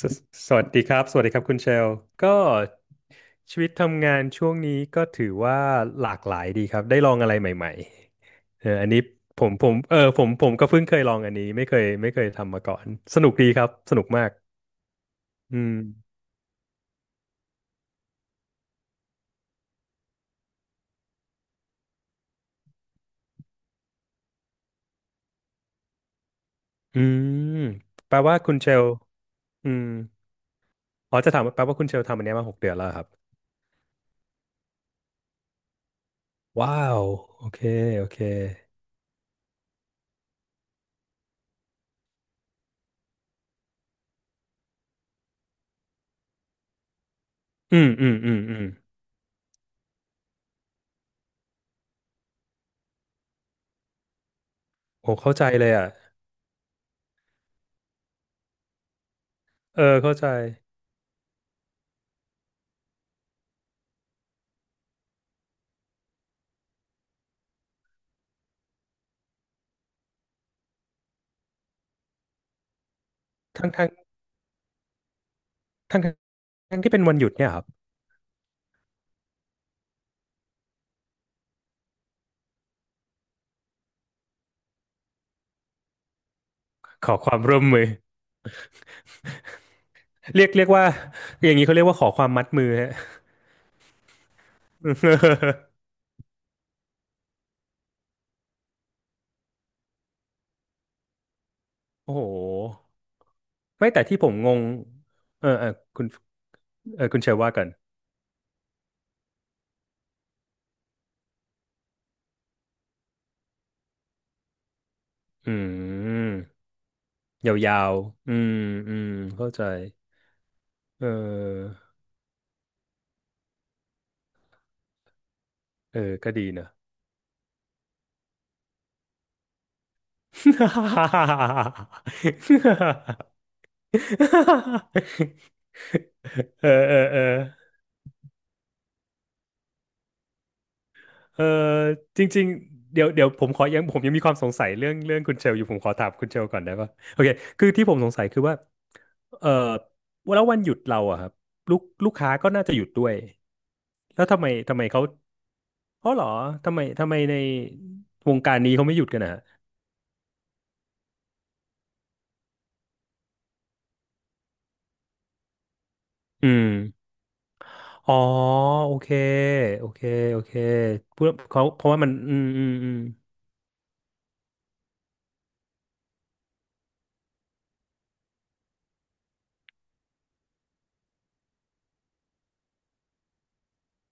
สสวัสดีครับสวัสดีครับคุณเชลก็ชีวิตทำงานช่วงนี้ก็ถือว่าหลากหลายดีครับได้ลองอะไรใหม่ๆอันนี้ผมผมเออผมผมก็เพิ่งเคยลองอันนี้ไม่เคยทำมาก่อนสนุกดีครับสนุกมากอืมอืมแปลว่าคุณเชลอืมอ๋อจะถามว่าแปลว่าคุณเชลทำอันเนี้ยมาหกเดือนแล้วเหรอครับว้าวโอเคโอเคอืมอืมอืมอืมผมเข้าใจเลยอ่ะเออเข้าใจทั้งทั้งทั้งทั้งที่เป็นวันหยุดเนี่ยครับ ขอความร่วมมือเรียกว่าอย่างนี้เขาเรียกว่าขอความมัดมือฮะ โอ้โหไม่แต่ที่ผมงงเออเออคุณคุณเชยว่ากันอืมยาวๆอืมอืมเข้าใจเออเออก็ดีนะ เออเออเออ เออจริงๆเดี๋ยวเดี๋ยวผมขอยังผมยังมีความสงสัยเรื่องเรื่องคุณเชลอยู่ผมขอถามคุณเชลก่อนได้ปะโอเคคือที่ผมสงสัยคือว่าเออแล้ววันหยุดเราอะครับลูกค้าก็น่าจะหยุดด้วยแล้วทำไมเขาอ๋อเหรอทำไมในวงการนี้เขาไม่หยุดกันอะอืมอ๋อโอเคโอเคโอเคเพื่อเขาเพราะว่ามันอืมอืม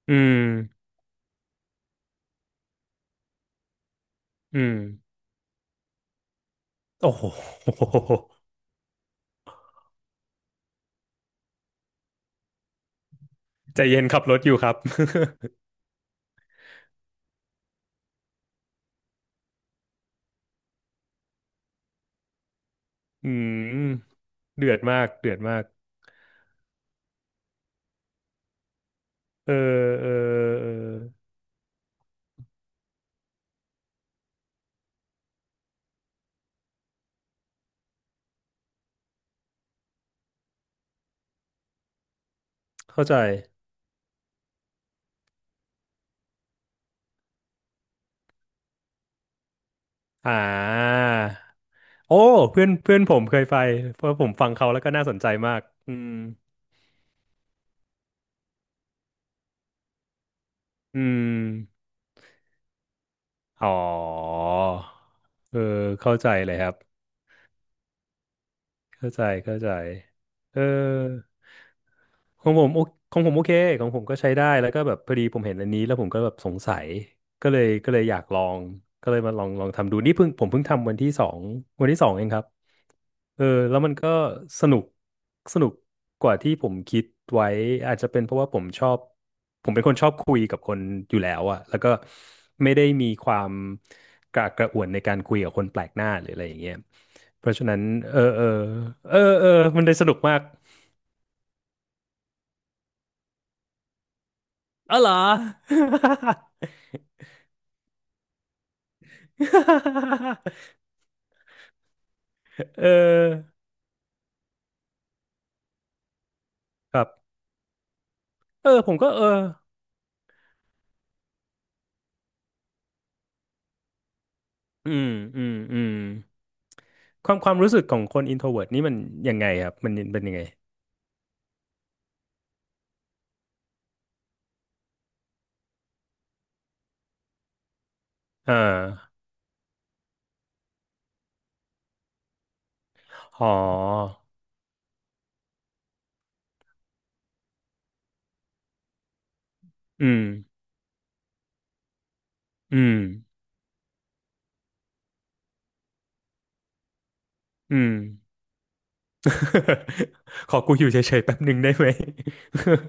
อืมอืมอืมโอ้โห ใจเย็นขับรถอยู่ครับ อืมเดือดมากเดือดมากเออเออเออเข้าใจอ่าโอ้เพื่อนเพื่อนผมเคยไปเพราะผมฟังเขาแล้วก็น่าสนใจมากอืมอืมอ๋อเออเข้าใจเลยครับเข้าใจเข้าใจเออของผมโอของผมโอเคของผมก็ใช้ได้แล้วก็แบบพอดีผมเห็นอันนี้แล้วผมก็แบบสงสัยก็เลยอยากลองก็เลยมาลองทำดูนี่เพิ่งผมเพิ่งทำวันที่สองวันที่สองเองครับ เออแล้วมันก็สนุกสนุกกว่าที่ผมคิดไว้อาจจะเป็นเพราะว่าผมชอบผมเป็นคนชอบคุยกับคนอยู่แล้วอะแล้วก็ไม่ได้มีความกระอักกระอ่วนในการคุยกับคนแปลกหน้าหรืออะไรอย่างเงี้ยเพราะฉะนั้นเออเออเออเออมันได้สนุกมากอ๋อเหรอ เออครับเออผมก็เอออืมอืมอืมความความรู้สึกของคน introvert นี่มันยังไงครับมันเป็นยังไง เอ่าหออืมอืมอืม ขอกูอยู่เฉยๆแป๊บหนึ่งได้ไหม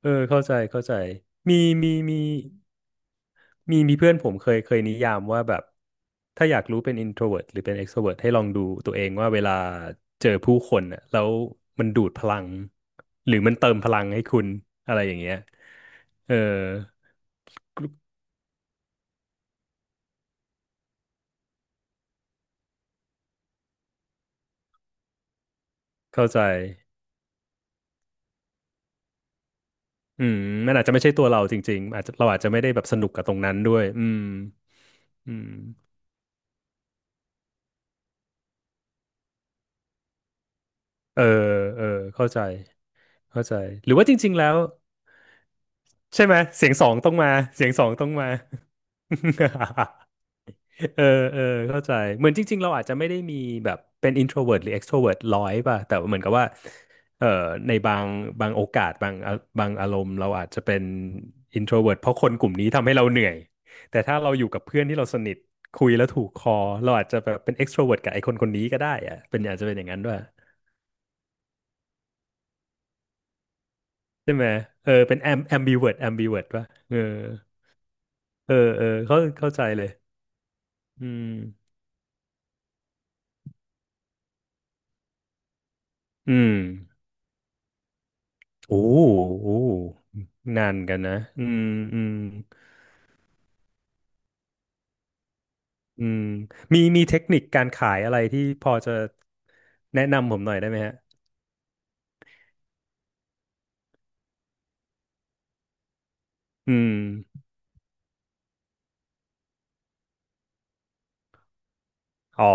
เออ เข้าใจ เข้าใจ มีมีมีเพื่อนผมเคยนิยามว่าแบบ ถ้าอยากรู้เป็น introvert หรือเป็น extrovert ให้ลองดูตัวเองว่าเวลาเจอผู้คนน่ะแล้วมันดูดพลัง หรือมันเติมพลังให้คุณ อะไรอย่างเงี้ยเออ เข้าใจ อืมมันอาจจะไม่ใช่ตัวเราจริงๆอาจจะเราอาจจะไม่ได้แบบสนุกกับตรงนั้นด้วยอืมอืมเออเออเข้าใจเข้าใจหรือว่าจริงๆแล้วใช่ไหมเสียงสองต้องมาเสียงสองต้องมา เออเออเข้าใจเหมือนจริงๆเราอาจจะไม่ได้มีแบบเป็น introvert หรือ extrovert ร้อยป่ะแต่ว่าเหมือนกับว่าเออในบางโอกาสบางบางอารมณ์เราอาจจะเป็น introvert เพราะคนกลุ่มนี้ทำให้เราเหนื่อยแต่ถ้าเราอยู่กับเพื่อนที่เราสนิทคุยแล้วถูกคอเราอาจจะแบบเป็น extrovert กับไอ้คนคนนี้ก็ได้อะเป็นอาจจะเป็นอย่างนั้นด้วยใช่ไหมเออเป็น ambivert ambivert ป่ะเออเออเออเข้าใจเลยอืมอืม โอ้โอ้นานกันนะอืมอืมอืมมีเทคนิคการขายอะไรที่พอจะแนะนำผมหน่อยได้ไหมฮะอืมอ๋อ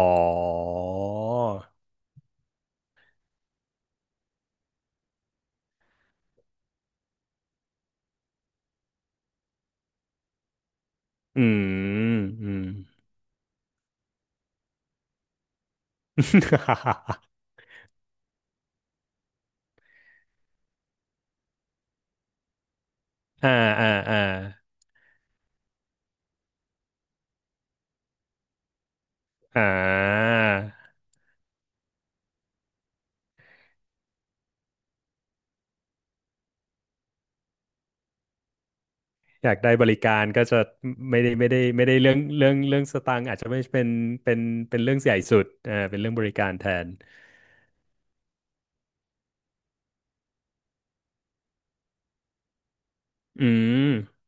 อืมอืม อ่าอ่าอ่าอ่าอยากได้บริการก็จะไม่ได้ไม่ได้ไม่ได้เรื่องสตางค์อาจจะไม่เป็นเป็นเรื่องใหญ่สุดอ่าเป็นเรื่องบริการแทนอืม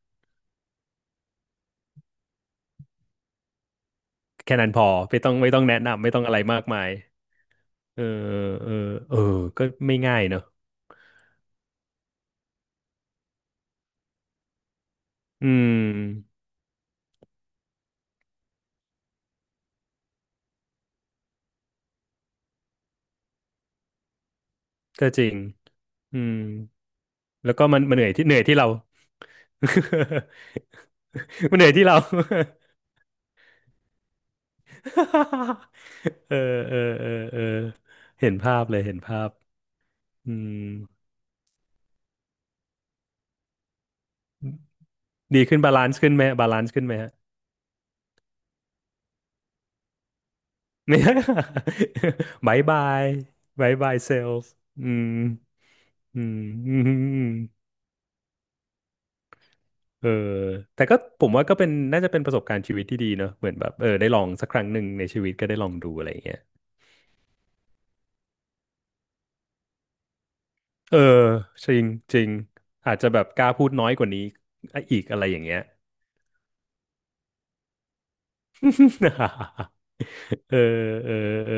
แค่นั้นพอไม่ต้องไม่ต้องแนะนำไม่ต้องอะไรมากมาย เออเออเออก็ไม่ง่ายเนอะอืมก็จริงอืมแล้วก็มันมันเหนื่อยที่เหนื่อยที่เรา มันเหนื่อยที่เรา เออเออเออเออเห็นภาพเลยเห็นภาพอืมดีขึ้นบาลานซ์ขึ้นไหมบาลานซ์ขึ้นไหมฮะไม่ บายบายบายบายเซลล์อืมอืม อืม เออแต่ก็ผมว่าก็เป็นน่าจะเป็นประสบการณ์ชีวิตที่ดีเนอะเหมือนแบบเออได้ลองสักครั้งหนึ่งในชีวิตก็ได้ลองดูอะไรอย่างเงี้ยเออจริงจริงอาจจะแบบกล้าพูดน้อยกว่านี้อีกอะไรอย่างเงี้ย เออเออเออ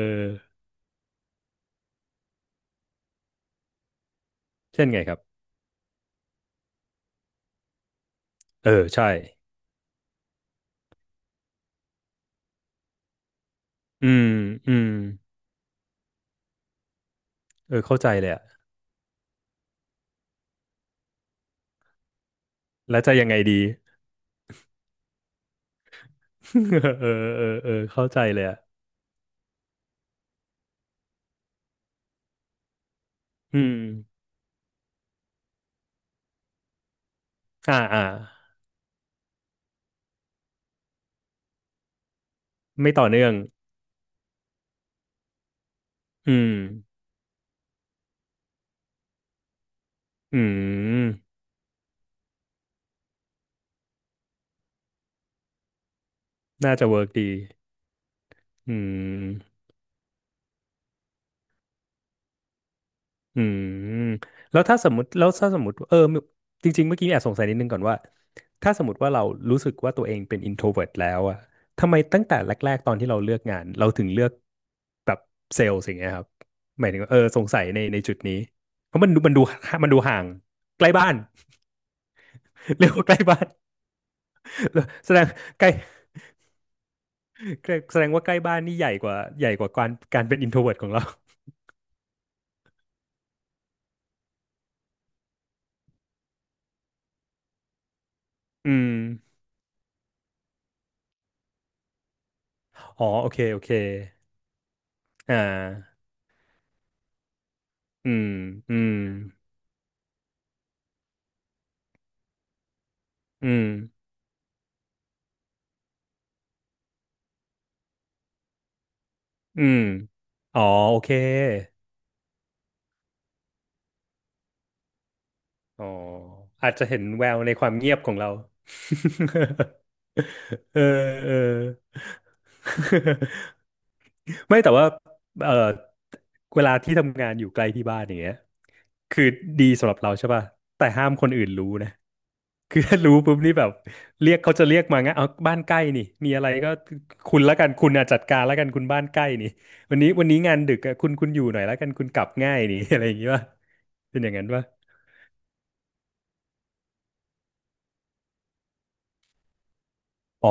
เช่นไงครับเออใช่อืมอืมเออเข้าใจเลยอะแล้วจะยังไงดี เออเออเข้าใจเลยอะอืมอ่าอ่าไม่ต่อเนื่องอืมอืมน่าจะเวิร์กดีอืม อืมแล้วถ้าสมมติแล้วถ้าสมมติเออจริงๆเมื่อกี้แอบสงสัยนิดนึงก่อนว่าถ้าสมมติว่าเรารู้สึกว่าตัวเองเป็น introvert แล้วอะทำไมตั้งแต่แรกๆตอนที่เราเลือกงานเราถึงเลือกแบบเซลล์สิ่างเงี้ยครับหมายถึงว่าเออสงสัยในจุดนี้เพราะมันดูห่างใกล้บ้าน เรียกว่าใกล้บ้าน แสดงใกล้แสดงว่าใกล้บ้านนี่ใหญ่กว่าการเป็น introvert ของเรา อืมอ๋อโอเคโอเคอ่าอืมอืมอืม อืมอ๋อโอเค อ๋ออาจจะเห็นแววในความเงียบของเรา เออเออ ไม่แต่ว่าเออเวลาที่ทำงานอยู่ใกล้ที่บ้านอย่างเงี้ยคือดีสำหรับเราใช่ป่ะแต่ห้ามคนอื่นรู้นะ คือถ้ารู้ปุ๊บนี่แบบเรียกเขาจะเรียกมางั้นเอาบ้านใกล้นี่มีอะไรก็คุณอ่ะจัดการละกันคุณบ้านใกล้นี่วันนี้งานดึกอะคุณอยู่หน่อยละกันคุณกลับง่ายนี่ อะไรอย่างงี้ป่ะเป็นอย่างนั้นป่ะ อ๋อ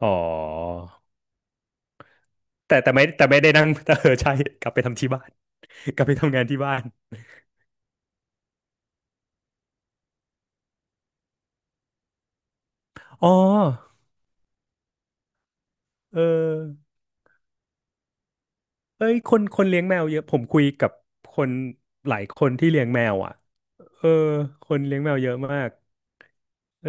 อ๋อแต่ไม่ได้นั่ง แต่เออใช่กลับไปทำที่บ้าน กลับไปทำงานที่บ้านอ๋อเออเอ้ยคนเลี้ยงแมวเยอะผมคุยกับคนหลายคนที่เลี้ยงแมวอ่ะเออคนเลี้ยงแมวเยอะมากเออ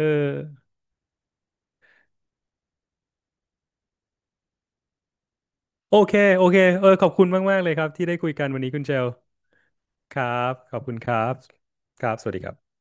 โอเคโอเคเออขอบคุณมากๆเลยครับที่ได้คุยกันวันนี้คุณเชลครับขอบคุณครับครับสวัสดีครับ